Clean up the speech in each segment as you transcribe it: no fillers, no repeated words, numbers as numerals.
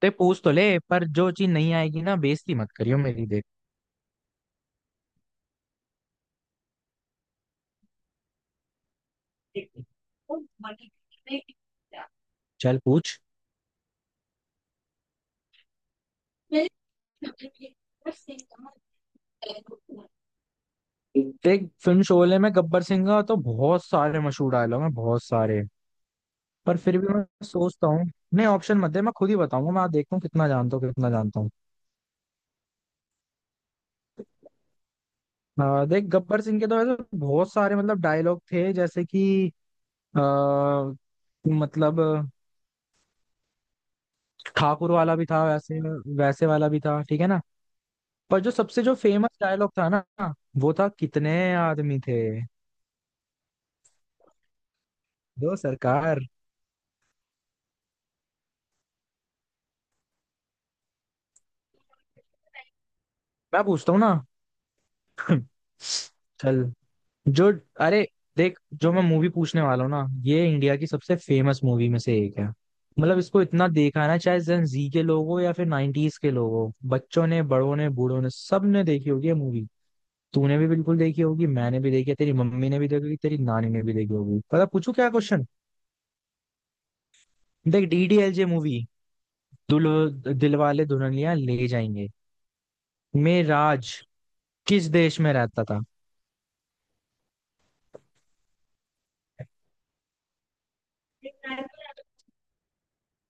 ते पूछ तो ले, पर जो चीज नहीं आएगी ना, बेइज्जती मत करियो मेरी। देख, चल पूछ। देख, फिल्म शोले में गब्बर सिंह का तो बहुत सारे मशहूर डायलॉग हैं, बहुत सारे। पर फिर भी मैं सोचता हूँ। नहीं, ऑप्शन मत दे, मैं खुद ही बताऊंगा। मैं देखता हूँ कितना जानता हूँ कितना जानता हूँ। देख, गब्बर सिंह के तो ऐसे बहुत सारे मतलब डायलॉग थे, जैसे कि आ, मतलब ठाकुर वाला भी था वैसे। वैसे वाला भी था, ठीक है ना। पर जो सबसे जो फेमस डायलॉग था ना, वो था कितने आदमी थे। दो सरकार। मैं पूछता हूँ ना। चल। जो, अरे, देख जो मैं मूवी पूछने वाला हूँ ना, ये इंडिया की सबसे फेमस मूवी में से एक है। मतलब इसको इतना देखा है ना, चाहे जेन जी के लोग हो या फिर नाइनटीज के लोग हो, बच्चों ने, बड़ों ने, बूढ़ों ने सबने देखी होगी ये मूवी। तूने भी बिल्कुल देखी होगी, मैंने भी देखी है, तेरी मम्मी ने भी देखी होगी, तेरी नानी ने भी देखी होगी। पता, पूछू क्या क्वेश्चन। देख, डीडीएलजे मूवी, दुल्हो दिलवाले दुल्हनिया ले जाएंगे, में राज किस देश में रहता था।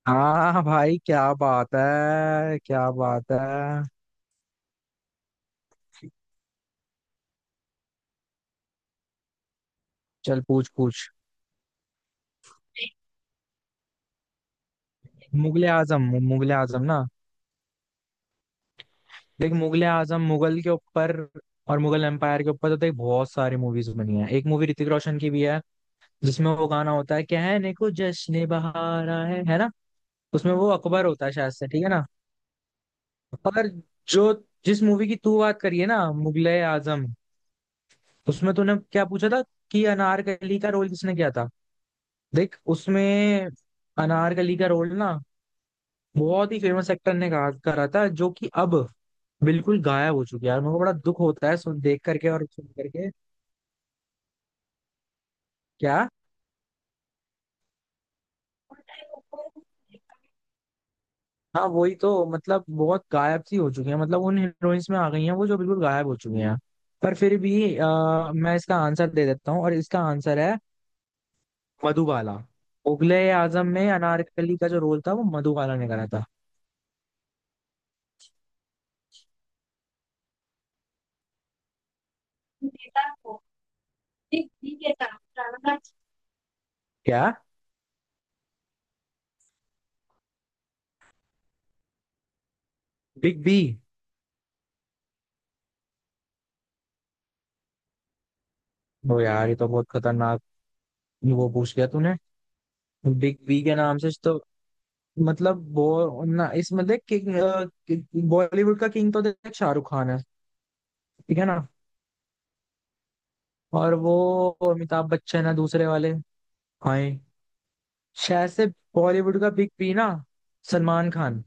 हाँ भाई, क्या बात है, क्या बात है। चल, पूछ पूछ। मुगले आजम। मुगले आजम ना। देख, मुगले आजम मुगल के ऊपर और मुगल एम्पायर के ऊपर तो देख, बहुत सारी मूवीज बनी है। एक मूवी ऋतिक रोशन की भी है, जिसमें वो गाना होता है, कहने को, जश्न बहारा है ना। उसमें वो अकबर होता है शायद से, ठीक है ना। पर जो, जिस मूवी की तू बात करी है ना, मुगले आजम, उसमें तूने क्या पूछा था कि अनारकली का रोल किसने किया था। देख उसमें, अनारकली का रोल ना बहुत ही फेमस एक्टर ने कहा करा था, जो कि अब बिल्कुल गायब हो चुकी है यार। मेरे को बड़ा दुख होता है सुन देख करके और सुन करके। क्या। हाँ वही तो, मतलब बहुत गायब सी हो चुकी है। मतलब उन हीरोइंस में आ गई हैं वो जो बिल्कुल गायब हो चुकी हैं। पर फिर भी मैं इसका आंसर दे देता हूँ, और इसका आंसर है मधुबाला। मुगले आजम में अनारकली का जो रोल था, वो मधुबाला ने करा था। क्या, बिग बी। ओ यार, ये तो बहुत खतरनाक वो पूछ लिया तूने। बिग बी के नाम से तो, मतलब वो ना, इसमें देख, किंग, बॉलीवुड का किंग तो देख शाहरुख खान है, ठीक है ना। और वो अमिताभ बच्चन है दूसरे वाले। हाँ, शायद से बॉलीवुड का बिग बी ना सलमान खान।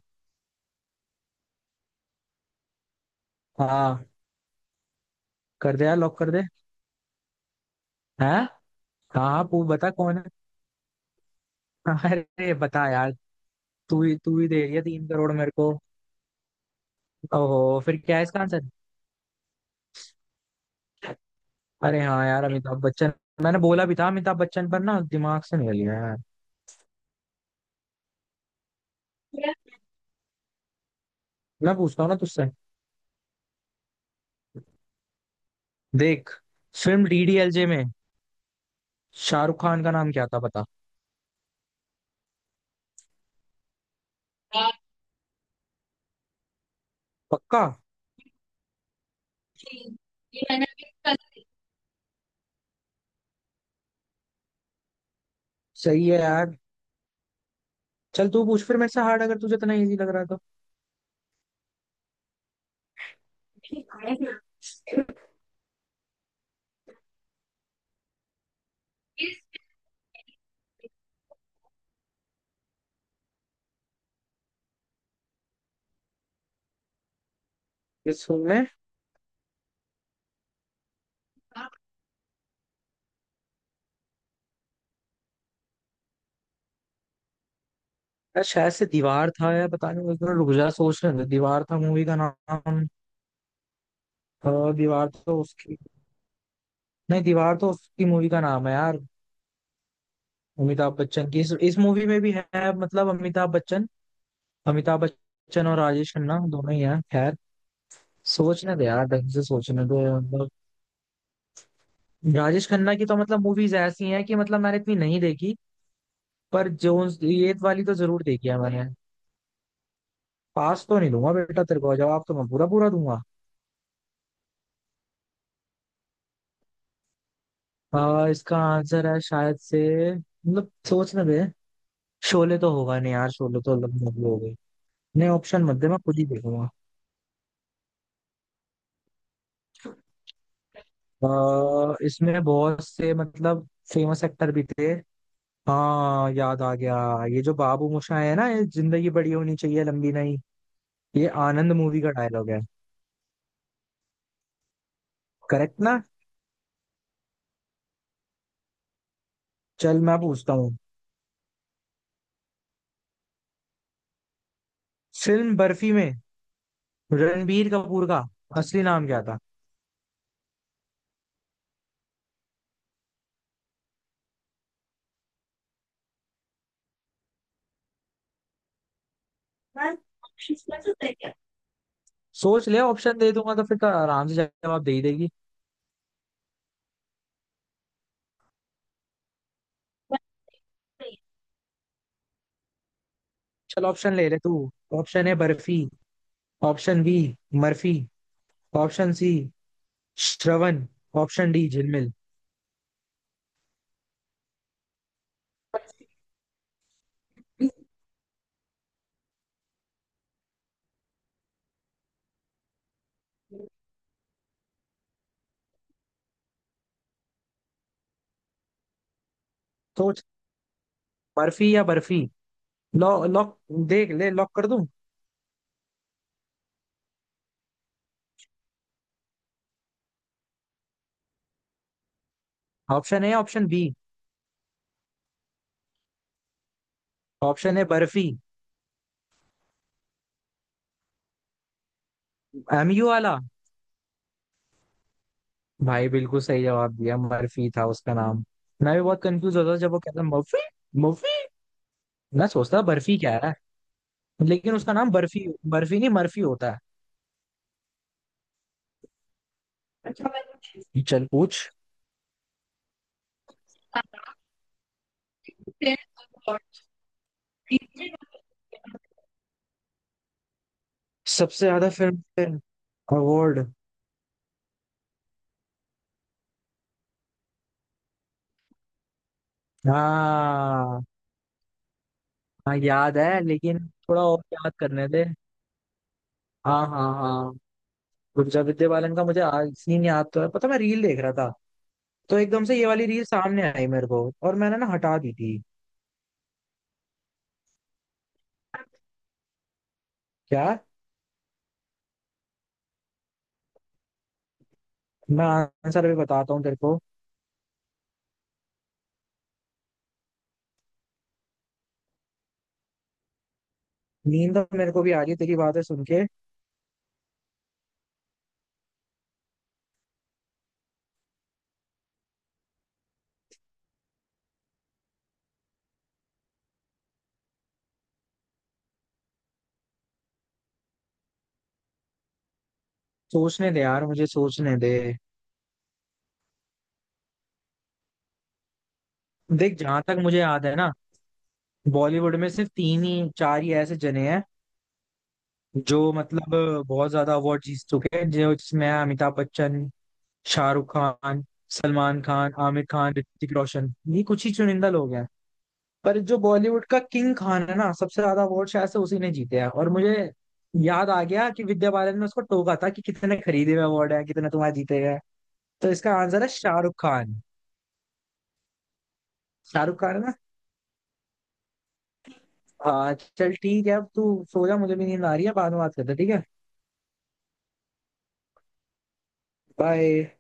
हाँ, कर दे यार, लॉक कर दे। है। हाँ, पू बता कौन है। अरे बता यार। तू ही दे रही है 3 करोड़ मेरे को। ओहो, फिर क्या है इसका आंसर। अरे हाँ यार, अमिताभ बच्चन। मैंने बोला भी था अमिताभ बच्चन, पर ना दिमाग से निकल गया यार। मैं पूछता हूँ ना तुझसे। देख, फिल्म डीडीएलजे में शाहरुख खान का नाम क्या था, बता। पक्का। सही है यार। चल, तू पूछ फिर मेरे से हार्ड, अगर तुझे इतना इजी लग रहा है तो। इस फिल्म में, यार शायद से दीवार था यार। पता नहीं, मैं थोड़ा रुक जा, सोच रहे थे दीवार था मूवी का नाम। दीवार तो उसकी, नहीं, दीवार तो उसकी मूवी का नाम है यार। अमिताभ बच्चन की, इस मूवी में भी है, मतलब अमिताभ बच्चन, अमिताभ बच्चन और राजेश खन्ना दोनों ही हैं, खैर। सोचने दे यार, ढंग से सोचने दे, मतलब। राजेश खन्ना की तो मतलब मूवीज ऐसी हैं कि मतलब मैंने इतनी नहीं देखी। पर जो, ये वाली तो जरूर देखी है मैंने। पास तो नहीं दूंगा बेटा तेरे को, जवाब तो मैं पूरा पूरा दूंगा। इसका आंसर है शायद से, मतलब सोचने दे, शोले तो होगा नहीं यार, शोले तो अलग मूवी हो गई। नहीं, ऑप्शन मत दे, मैं खुद ही देखूंगा। इसमें बहुत से मतलब फेमस एक्टर भी थे। हाँ याद आ गया। ये जो बाबू मोशाय है ना, ये जिंदगी बड़ी होनी चाहिए लंबी नहीं, ये आनंद मूवी का डायलॉग है। करेक्ट ना। चल, मैं पूछता हूँ। फिल्म बर्फी में रणबीर कपूर का असली नाम क्या था। सोच ले, ऑप्शन दे दूंगा तो फिर तो आराम से जवाब दे ही देगी। चल, ऑप्शन ले ले तू। Option A Barfi, option B Murphy, option C Shravan, option D Jhilmil. सोच, बर्फी या बर्फी। Lock lock. देख ले, लॉक कर दूं। Option A, option B, option A barfi. MU वाला। भाई, बिल्कुल सही जवाब दिया, मर्फी था उसका नाम। मैं भी बहुत कंफ्यूज होता था जब वो कहता मर्फी, मर्फी। मैं सोचता था बर्फी क्या है। लेकिन उसका नाम बर्फी, बर्फी नहीं, मर्फी होता है। चल पूछ। सबसे ज्यादा फिल्म अवार्ड। हाँ हाँ याद है लेकिन, थोड़ा और याद करने थे। हाँ हाँ हाँ। गुंजा, विद्या बालन का मुझे आज सीन याद तो है, पता, मैं रील देख रहा था, तो एकदम से ये वाली रील सामने आई मेरे को, और मैंने ना हटा दी थी। क्या। मैं आंसर अभी बताता हूँ तेरे को। नींद तो मेरे को भी आ रही है तेरी बातें सुन के। सोचने दे यार, मुझे सोचने दे। देख, जहां तक मुझे याद है ना, बॉलीवुड में सिर्फ तीन ही चार ही ऐसे जने हैं जो, मतलब, बहुत ज्यादा अवार्ड जीत चुके हैं, जो जिसमें हैं अमिताभ बच्चन, शाहरुख खान, सलमान खान, आमिर खान, ऋतिक रोशन, ये कुछ ही चुनिंदा लोग हैं। पर जो बॉलीवुड का किंग खान है ना, सबसे ज्यादा अवार्ड शायद से उसी ने जीते हैं, और मुझे याद आ गया कि विद्या बालन ने उसको टोका था कि कितने खरीदे हुए अवार्ड है, कितने तुम्हारे जीते गए। तो इसका आंसर है शाहरुख खान। शाहरुख खान है ना। हाँ चल, ठीक है। अब तू सो जा, मुझे भी नींद आ रही है, बाद में बात करते हैं, ठीक है। बाय।